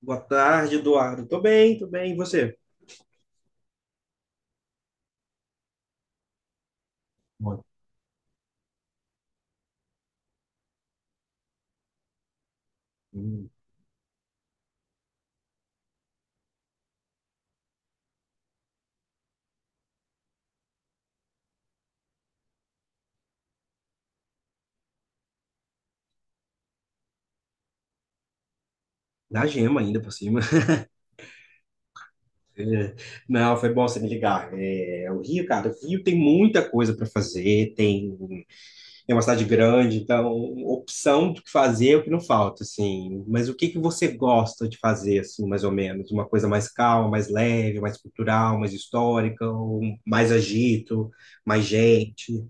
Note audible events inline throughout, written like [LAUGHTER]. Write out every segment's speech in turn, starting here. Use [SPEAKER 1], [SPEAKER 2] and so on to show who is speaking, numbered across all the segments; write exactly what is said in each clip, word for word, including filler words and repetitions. [SPEAKER 1] Boa tarde, Eduardo. Tô bem, tô bem. E você? Bom, hum, na gema ainda por cima. [LAUGHS] É, Não, foi bom você me ligar. É, o Rio, cara, o Rio tem muita coisa para fazer, tem, é uma cidade grande, então opção do que fazer é o que não falta, assim. Mas o que que você gosta de fazer, assim, mais ou menos? Uma coisa mais calma, mais leve, mais cultural, mais histórica, ou mais agito, mais gente?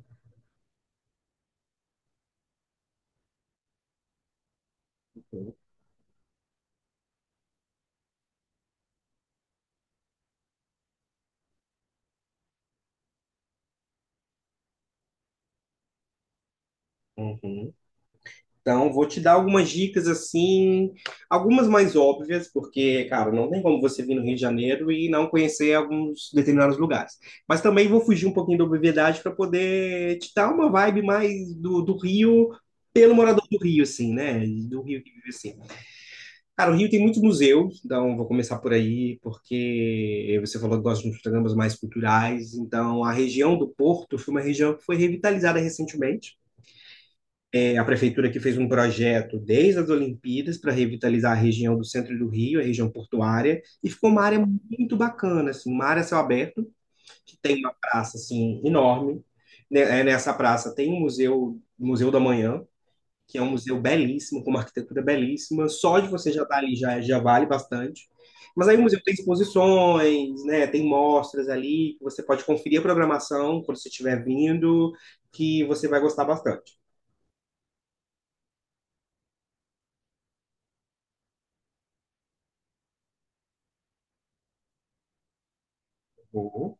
[SPEAKER 1] Uhum. Então, vou te dar algumas dicas assim, algumas mais óbvias, porque, cara, não tem como você vir no Rio de Janeiro e não conhecer alguns determinados lugares. Mas também vou fugir um pouquinho da obviedade para poder te dar uma vibe mais do, do Rio, pelo morador do Rio, assim, né? Do Rio que vive assim. Cara, o Rio tem muitos museus, então vou começar por aí, porque você falou que gosta de uns programas mais culturais, então a região do Porto foi uma região que foi revitalizada recentemente. A prefeitura que fez um projeto desde as Olimpíadas para revitalizar a região do centro do Rio, a região portuária, e ficou uma área muito bacana, assim, uma área a céu aberto, que tem uma praça assim enorme. Né, é, Nessa praça tem um museu, Museu da Manhã, que é um museu belíssimo, com uma arquitetura belíssima. Só de você já estar ali já, já vale bastante. Mas aí o museu tem exposições, né? Tem mostras ali, que você pode conferir a programação quando você estiver vindo, que você vai gostar bastante. Vou.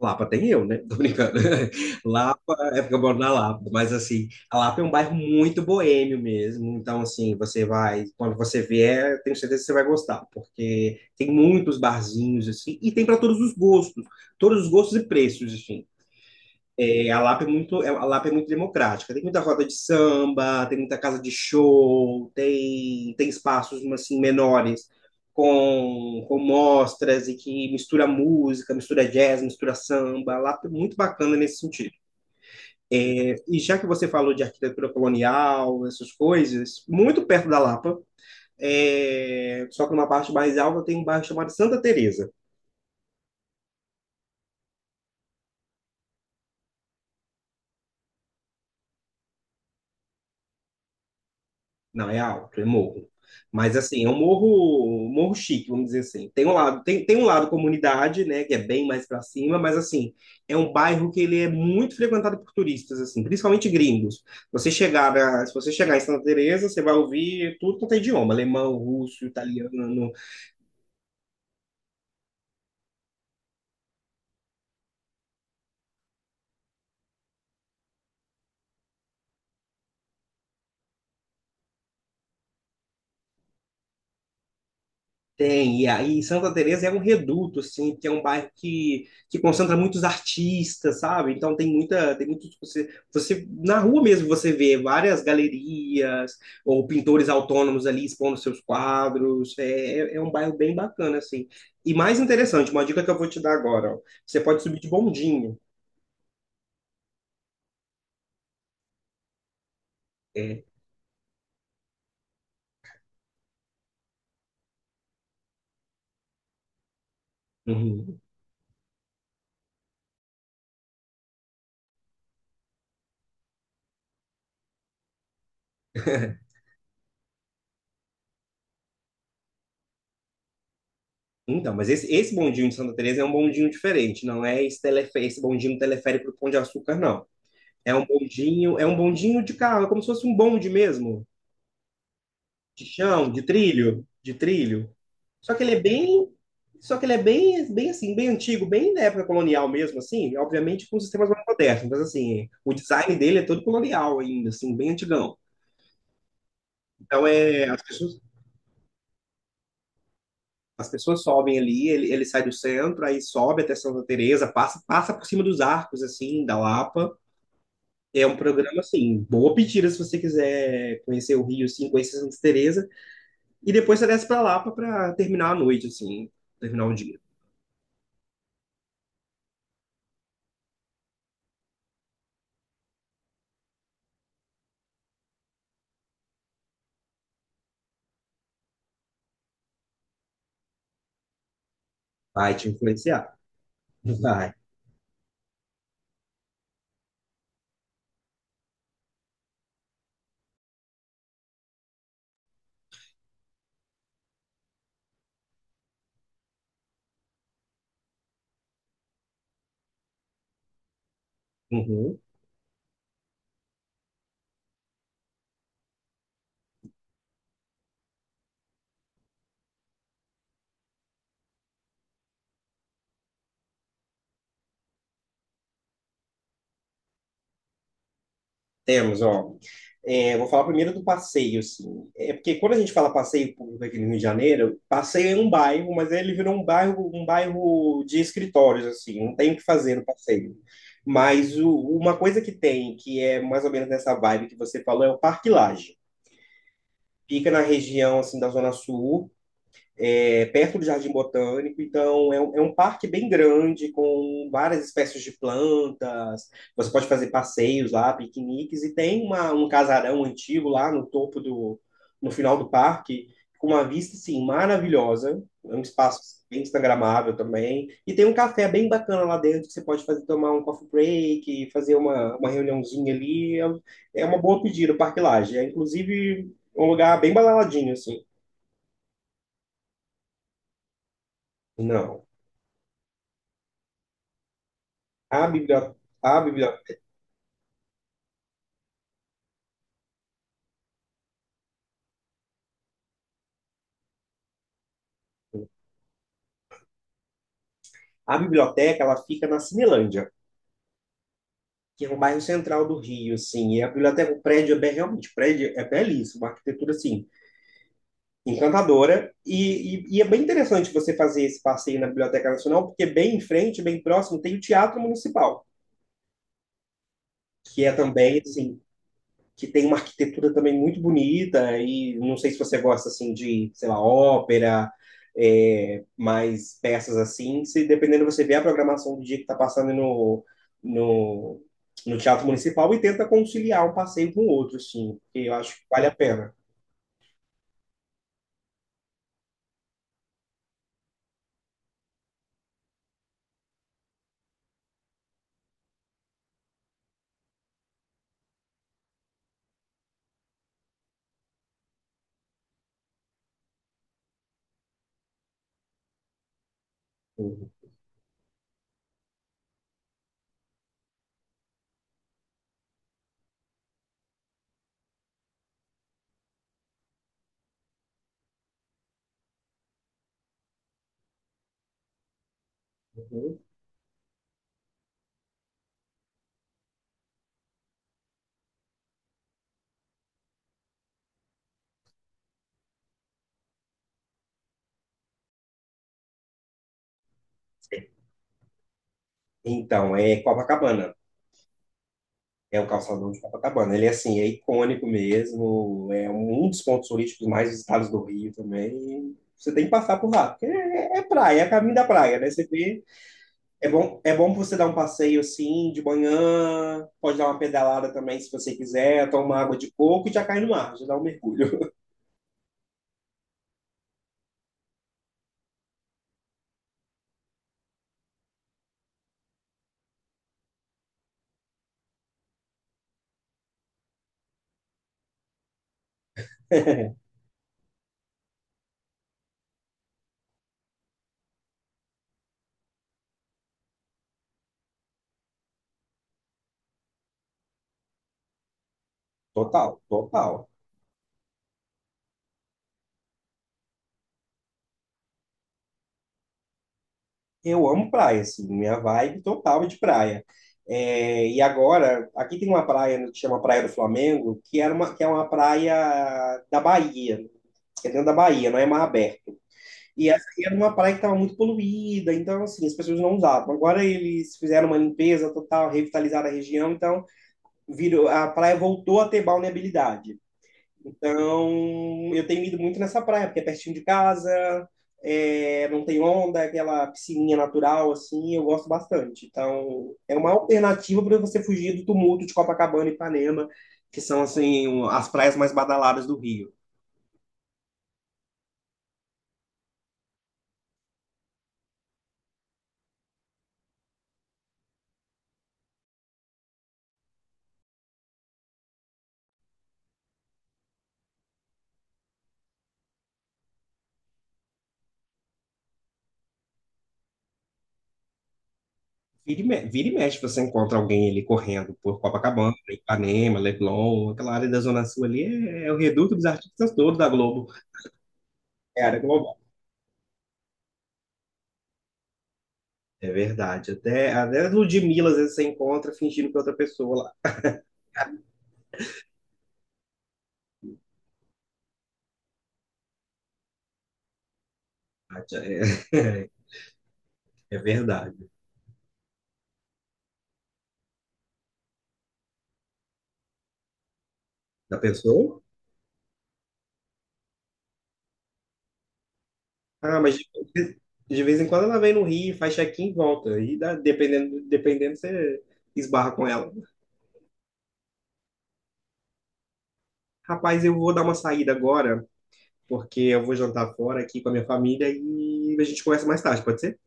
[SPEAKER 1] Lapa tem eu, né? Tô brincando. [LAUGHS] Lapa é porque eu moro na Lapa, mas assim, a Lapa é um bairro muito boêmio mesmo. Então, assim, você vai, quando você vier, tenho certeza que você vai gostar, porque tem muitos barzinhos, assim, e tem para todos os gostos, todos os gostos e preços, assim. É, a Lapa é muito, é- a Lapa é muito democrática. Tem muita roda de samba, tem muita casa de show, tem, tem espaços assim, menores com, com mostras e que mistura música, mistura jazz, mistura samba. A Lapa é muito bacana nesse sentido. É, e já que você falou de arquitetura colonial, essas coisas, muito perto da Lapa, é, só que numa parte mais alta tem um bairro chamado Santa Teresa. Não, é alto, é morro. Mas assim, é um morro, um morro chique, vamos dizer assim. Tem um lado, tem, tem um lado comunidade, né, que é bem mais para cima, mas assim, é um bairro que ele é muito frequentado por turistas assim, principalmente gringos. Você chegar, a- se você chegar em Santa Teresa, você vai ouvir tudo quanto é idioma, alemão, russo, italiano. Tem, e aí Santa Teresa é um reduto, assim, porque é um bairro que, que concentra muitos artistas, sabe? Então tem muita, tem muito, tipo, você, você, na rua mesmo você vê várias galerias ou pintores autônomos ali expondo seus quadros, é, é é um bairro bem bacana, assim. E mais interessante, uma dica que eu vou te dar agora, ó, você pode subir de bondinho, é. Uhum. [LAUGHS] Então, mas esse, esse bondinho de Santa Teresa é um bondinho diferente, não é esse, telefe- esse bondinho teleférico do Pão de Açúcar, não. É um bondinho, é um bondinho de carro, é como se fosse um bonde mesmo, de chão, de trilho, de trilho. Só que ele é bem, só que ele é bem, bem assim, bem antigo, bem da época colonial mesmo, assim, obviamente com sistemas mais modernos, mas assim, o design dele é todo colonial ainda, assim, bem antigão. Então é, as pessoas, as pessoas sobem ali, ele, ele sai do centro, aí sobe até Santa Teresa, passa, passa por cima dos arcos, assim, da Lapa. É um programa, assim, boa pedida se você quiser conhecer o Rio, assim, conhecer Santa Teresa. E depois você desce pra Lapa pra terminar a noite, assim, terminar o dia. Vai te influenciar. Vai. Uhum. Temos, ó. É, vou falar primeiro do passeio, assim. É porque quando a gente fala passeio público aqui no Rio de Janeiro, passeio é um bairro, mas ele virou um bairro, um bairro de escritórios, assim, não tem o que fazer no passeio. Mas o- uma coisa que tem, que é mais ou menos nessa vibe que você falou, é o Parque Lage. Fica na região, assim, da Zona Sul, é perto do Jardim Botânico, então é um, é um parque bem grande, com várias espécies de plantas. Você pode fazer passeios lá, piqueniques, e tem uma, um casarão antigo lá no topo do, no final do parque, com uma vista assim, maravilhosa. É um espaço bem instagramável também. E tem um café bem bacana lá dentro que você pode fazer tomar um coffee break, fazer uma, uma reuniãozinha ali. É, um, é uma boa pedida o Parque Lage. É inclusive um lugar bem balaladinho, assim. Não. A biblioteca, a biblioteca, a biblioteca, ela fica na Cinelândia, que é um bairro central do Rio, assim. E a biblioteca, o prédio é bem, realmente, o prédio é belíssimo, uma arquitetura, assim, encantadora. E, e, e é bem interessante você fazer esse passeio na Biblioteca Nacional, porque bem em frente, bem próximo, tem o Teatro Municipal, que é também, assim, que tem uma arquitetura também muito bonita, e não sei se você gosta assim de, sei lá, ópera, é, mais peças assim, se dependendo você vê a programação do dia que está passando no, no, no Teatro Municipal e tenta conciliar um passeio com o outro, assim, porque eu acho que vale a pena. Uhum. Uhum. Então, é Copacabana. É o calçadão de Copacabana. Ele, assim, é icônico mesmo. É um dos pontos turísticos mais visitados do Rio também. Você tem que passar por lá, porque é, é praia, é caminho da praia, né? Você vê, é bom, é bom pra você dar um passeio assim de manhã, pode dar uma pedalada também se você quiser, tomar água de coco e já cai no mar, já dá um mergulho. [LAUGHS] Total, total. Eu amo praia, assim, minha vibe total é de praia. É, e agora, aqui tem uma praia que chama Praia do Flamengo, que era uma, que é uma praia da Bahia, que é dentro da Bahia, não é mar aberto. E essa aí era uma praia que estava muito poluída, então, assim, as pessoas não usavam. Agora eles fizeram uma limpeza total, revitalizaram a região, então virou, a praia voltou a ter balneabilidade. Então, eu tenho ido muito nessa praia, porque é pertinho de casa, é, não tem onda, é aquela piscininha natural, assim, eu gosto bastante. Então, é uma alternativa para você fugir do tumulto de Copacabana e Ipanema, que são, assim, um- as praias mais badaladas do Rio. Vira e, me- vira e mexe, você encontra alguém ali correndo por Copacabana, Ipanema, Leblon, aquela área da Zona Sul ali é, é o reduto dos artistas todos da Globo. É a área global. É verdade. Até, até Ludmilla, às vezes, você encontra fingindo que é outra pessoa lá. Ah, tia, é, [LAUGHS] é verdade. Da pessoa? Ah, mas de, de vez em quando ela vem no Rio, faz check-in e volta. E dá- dependendo, dependendo, você esbarra com ela. Rapaz, eu vou dar uma saída agora, porque eu vou jantar fora aqui com a minha família e a gente conversa mais tarde, pode ser?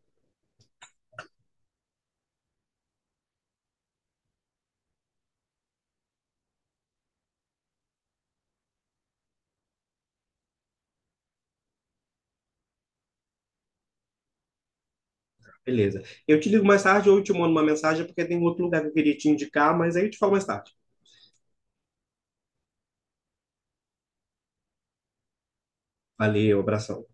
[SPEAKER 1] Beleza. Eu te ligo mais tarde ou eu te mando uma mensagem, porque tem outro lugar que eu queria te indicar, mas aí eu te falo mais tarde. Valeu, abração.